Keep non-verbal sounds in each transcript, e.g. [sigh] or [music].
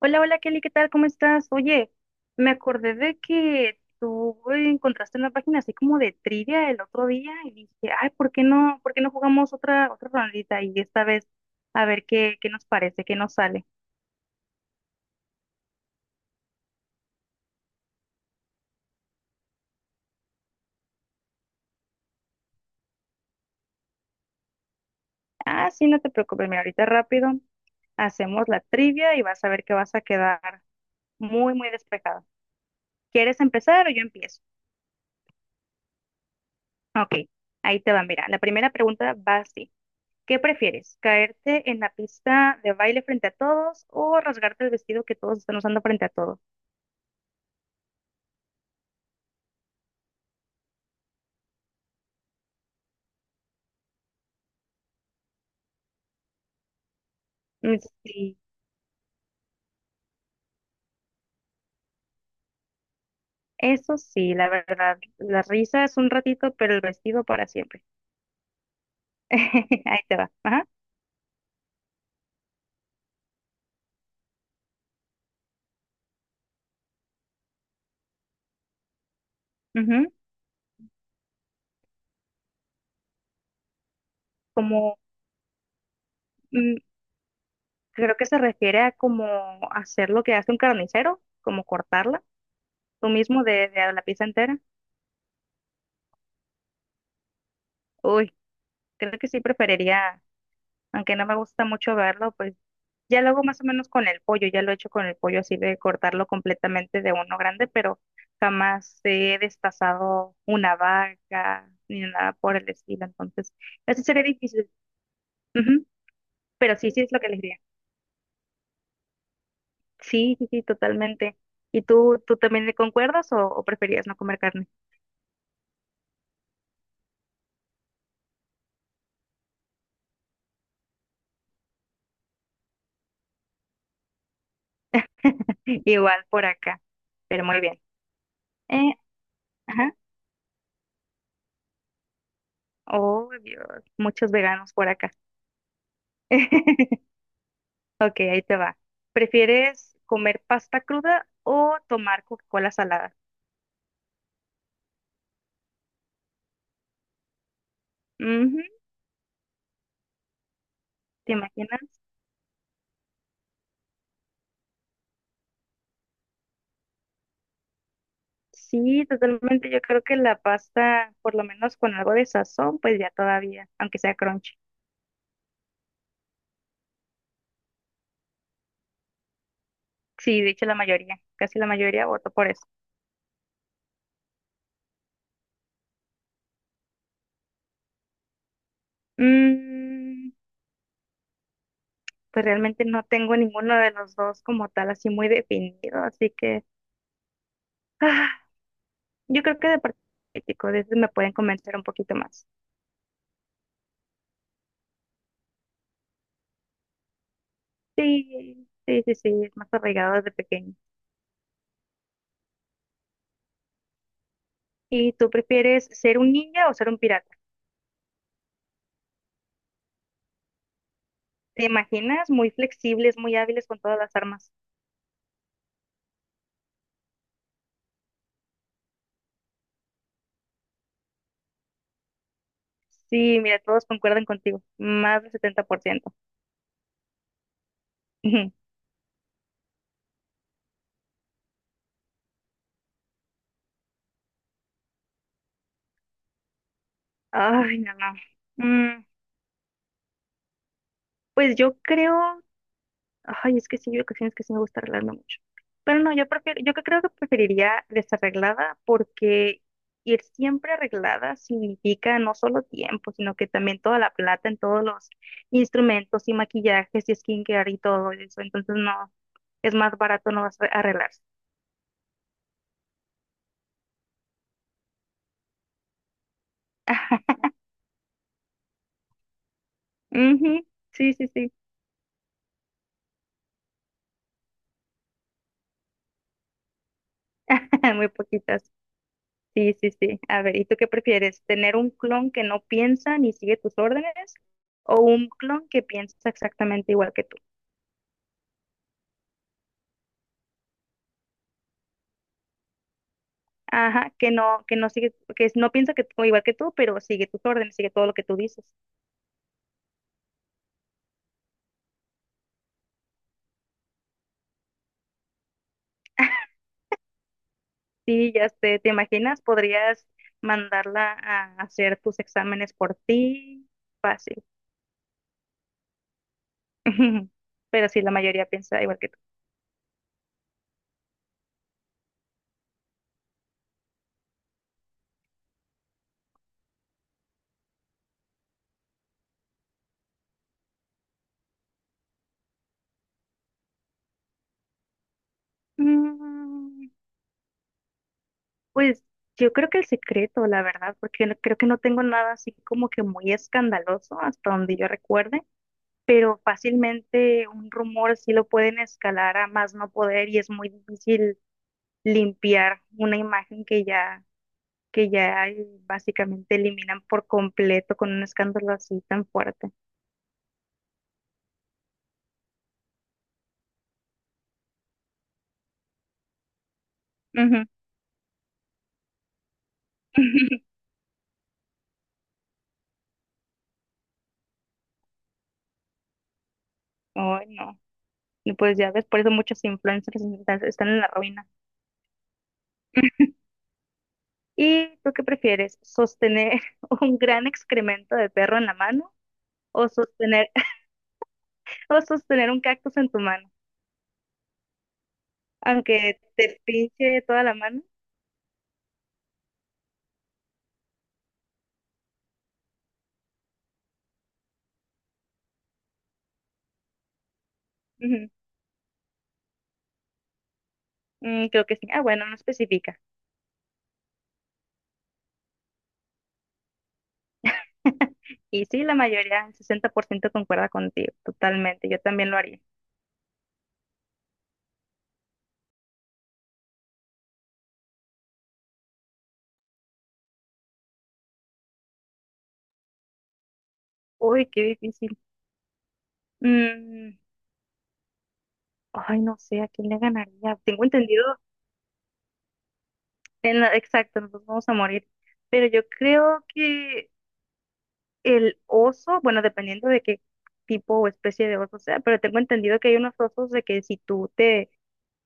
Hola, hola Kelly, ¿qué tal? ¿Cómo estás? Oye, me acordé de que tú encontraste una página así como de trivia el otro día y dije, ay, ¿por qué no jugamos otra rondita? Y esta vez a ver qué nos parece, qué nos sale. Ah, sí, no te preocupes, mira, ahorita rápido hacemos la trivia y vas a ver que vas a quedar muy, muy despejada. ¿Quieres empezar o yo empiezo? Ok, ahí te va, mira, la primera pregunta va así. ¿Qué prefieres? ¿Caerte en la pista de baile frente a todos o rasgarte el vestido que todos están usando frente a todos? Mm, sí, eso sí, la verdad. La risa es un ratito, pero el vestido para siempre. [laughs] Ahí te va. Ajá. Ujú. Como, mm, creo que se refiere a como hacer lo que hace un carnicero, como cortarla, tú mismo de la pizza entera. Uy, creo que sí preferiría, aunque no me gusta mucho verlo, pues ya lo hago más o menos con el pollo, ya lo he hecho con el pollo así de cortarlo completamente de uno grande, pero jamás he destazado una vaca ni nada por el estilo, entonces eso sería difícil. Ujú. Pero sí, sí es lo que les diría. Sí, sí, sí, totalmente. ¿Y tú también le concuerdas o preferías no comer carne? [laughs] Igual por acá, pero muy bien. Eh, ajá. Oh, Dios, muchos veganos por acá. [laughs] Ok, ahí te va. ¿Prefieres comer pasta cruda o tomar Coca-Cola salada? Ujú. ¿Te imaginas? Sí, totalmente. Yo creo que la pasta, por lo menos con algo de sazón, pues ya todavía, aunque sea crunchy. Sí, de hecho la mayoría, casi la mayoría votó por eso. Mm, pues realmente no tengo ninguno de los dos como tal así muy definido, así que ah, yo creo que de parte político, de eso me pueden convencer un poquito más. Sí, sí, sí, sí, es más arraigado desde pequeño. ¿Y tú prefieres ser un ninja o ser un pirata? ¿Te imaginas? Muy flexibles, muy hábiles con todas las armas. Sí, mira, todos concuerdan contigo. Más del 70%. Ay, no, no. Mm, pues yo creo... Ay, es que sí, hay ocasiones que sí me gusta arreglarme mucho. Pero no, yo prefiero, yo creo que preferiría desarreglada porque ir siempre arreglada significa no solo tiempo, sino que también toda la plata en todos los instrumentos y maquillajes y skincare y todo eso. Entonces, no. Es más barato no vas a arreglarse. [laughs] Ah, ujú, sí, sí, sí, [laughs] muy poquitas. Sí, sí, sí. A ver, ¿y tú qué prefieres? ¿Tener un clon que no piensa ni sigue tus órdenes o un clon que piensa exactamente igual que tú? Ajá, que no sigue, que no piensa que tú- igual que tú, pero sigue tus órdenes, sigue todo lo que tú dices. [laughs] Sí, ya sé, ¿te imaginas? Podrías mandarla a hacer tus exámenes por ti. Fácil. [laughs] Pero sí, la mayoría piensa igual que tú. Mm, pues yo creo que el secreto, la verdad, porque no- creo que no tengo nada así como que muy escandaloso hasta donde yo recuerde, pero fácilmente un rumor sí lo pueden escalar a más no poder y es muy difícil limpiar una imagen que ya, que ya básicamente eliminan por completo con un escándalo así tan fuerte. Ujú. [laughs] Ay, no. Y pues ya ves, por eso muchos influencers están en la ruina. ¿Y tú qué prefieres? ¿Sostener [laughs] un gran excremento de perro en la mano o sostener, [laughs] o sostener un cactus en tu mano? Aunque te pinche toda la mano. Ujú. Mm, creo que sí. Ah, bueno, no especifica. [laughs] Y sí, la mayoría, el 60% concuerda contigo, totalmente. Yo también lo haría. Uy, qué difícil. Mm, ay, no sé, ¿a quién le ganaría? Tengo entendido, en la- exacto, nos vamos a morir. Pero yo creo que el oso, bueno, dependiendo de qué tipo o especie de oso sea, pero tengo entendido que hay unos osos de que si tú te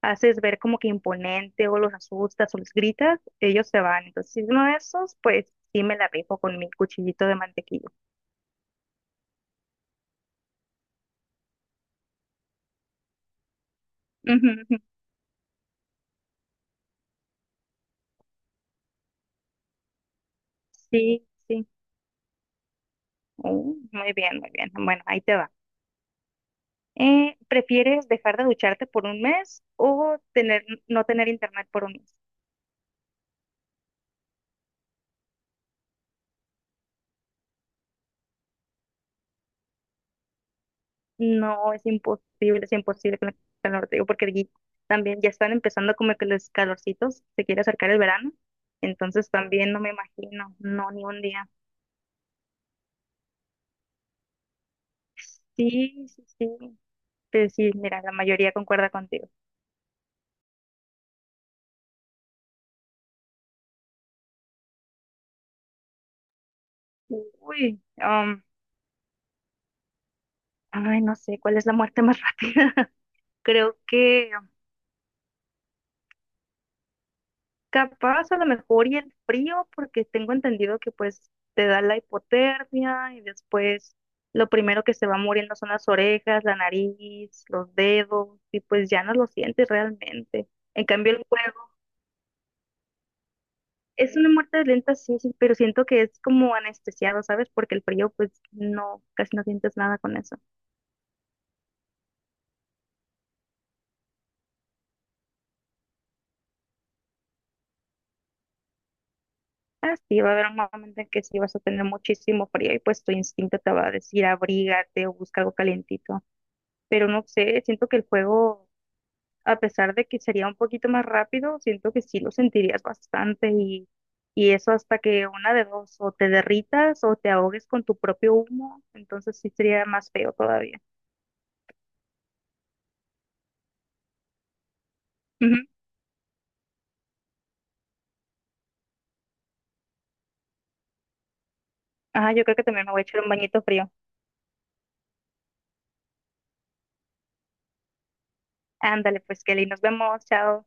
haces ver como que imponente o los asustas o les gritas, ellos se van. Entonces, si uno de esos, pues sí me la rifo con mi cuchillito de mantequilla. Ujú, ujú. Sí, sí. Muy bien, muy bien. Bueno, ahí te va. ¿Prefieres dejar de ducharte por un mes o no tener internet por un mes? No, es imposible con el calor, te digo, porque aquí también ya están empezando como que los calorcitos, se quiere acercar el verano, entonces también no me imagino, no, ni un día. Sí, sí, sí, pues sí, mira, la mayoría concuerda contigo. Uy, ay, no sé, ¿cuál es la muerte más rápida? [laughs] Creo que capaz a lo mejor y el frío, porque tengo entendido que pues te da la hipotermia y después lo primero que se va muriendo son las orejas, la nariz, los dedos y pues ya no lo sientes realmente. En cambio el fuego es una muerte lenta, sí, sí, pero siento que es como anestesiado, ¿sabes? Porque el frío pues no, casi no sientes nada con eso. Ah, sí, va a haber un momento en que sí vas a tener muchísimo frío y pues tu instinto te va a decir abrígate o busca algo calientito. Pero no sé, siento que el fuego a pesar de que sería un poquito más rápido, siento que sí lo sentirías bastante y eso hasta que una de dos, o te derritas o te ahogues con tu propio humo, entonces sí sería más feo todavía. Ujú. Ah, yo creo que también me voy a echar un bañito frío. Ándale, pues Kelly, nos vemos, chao.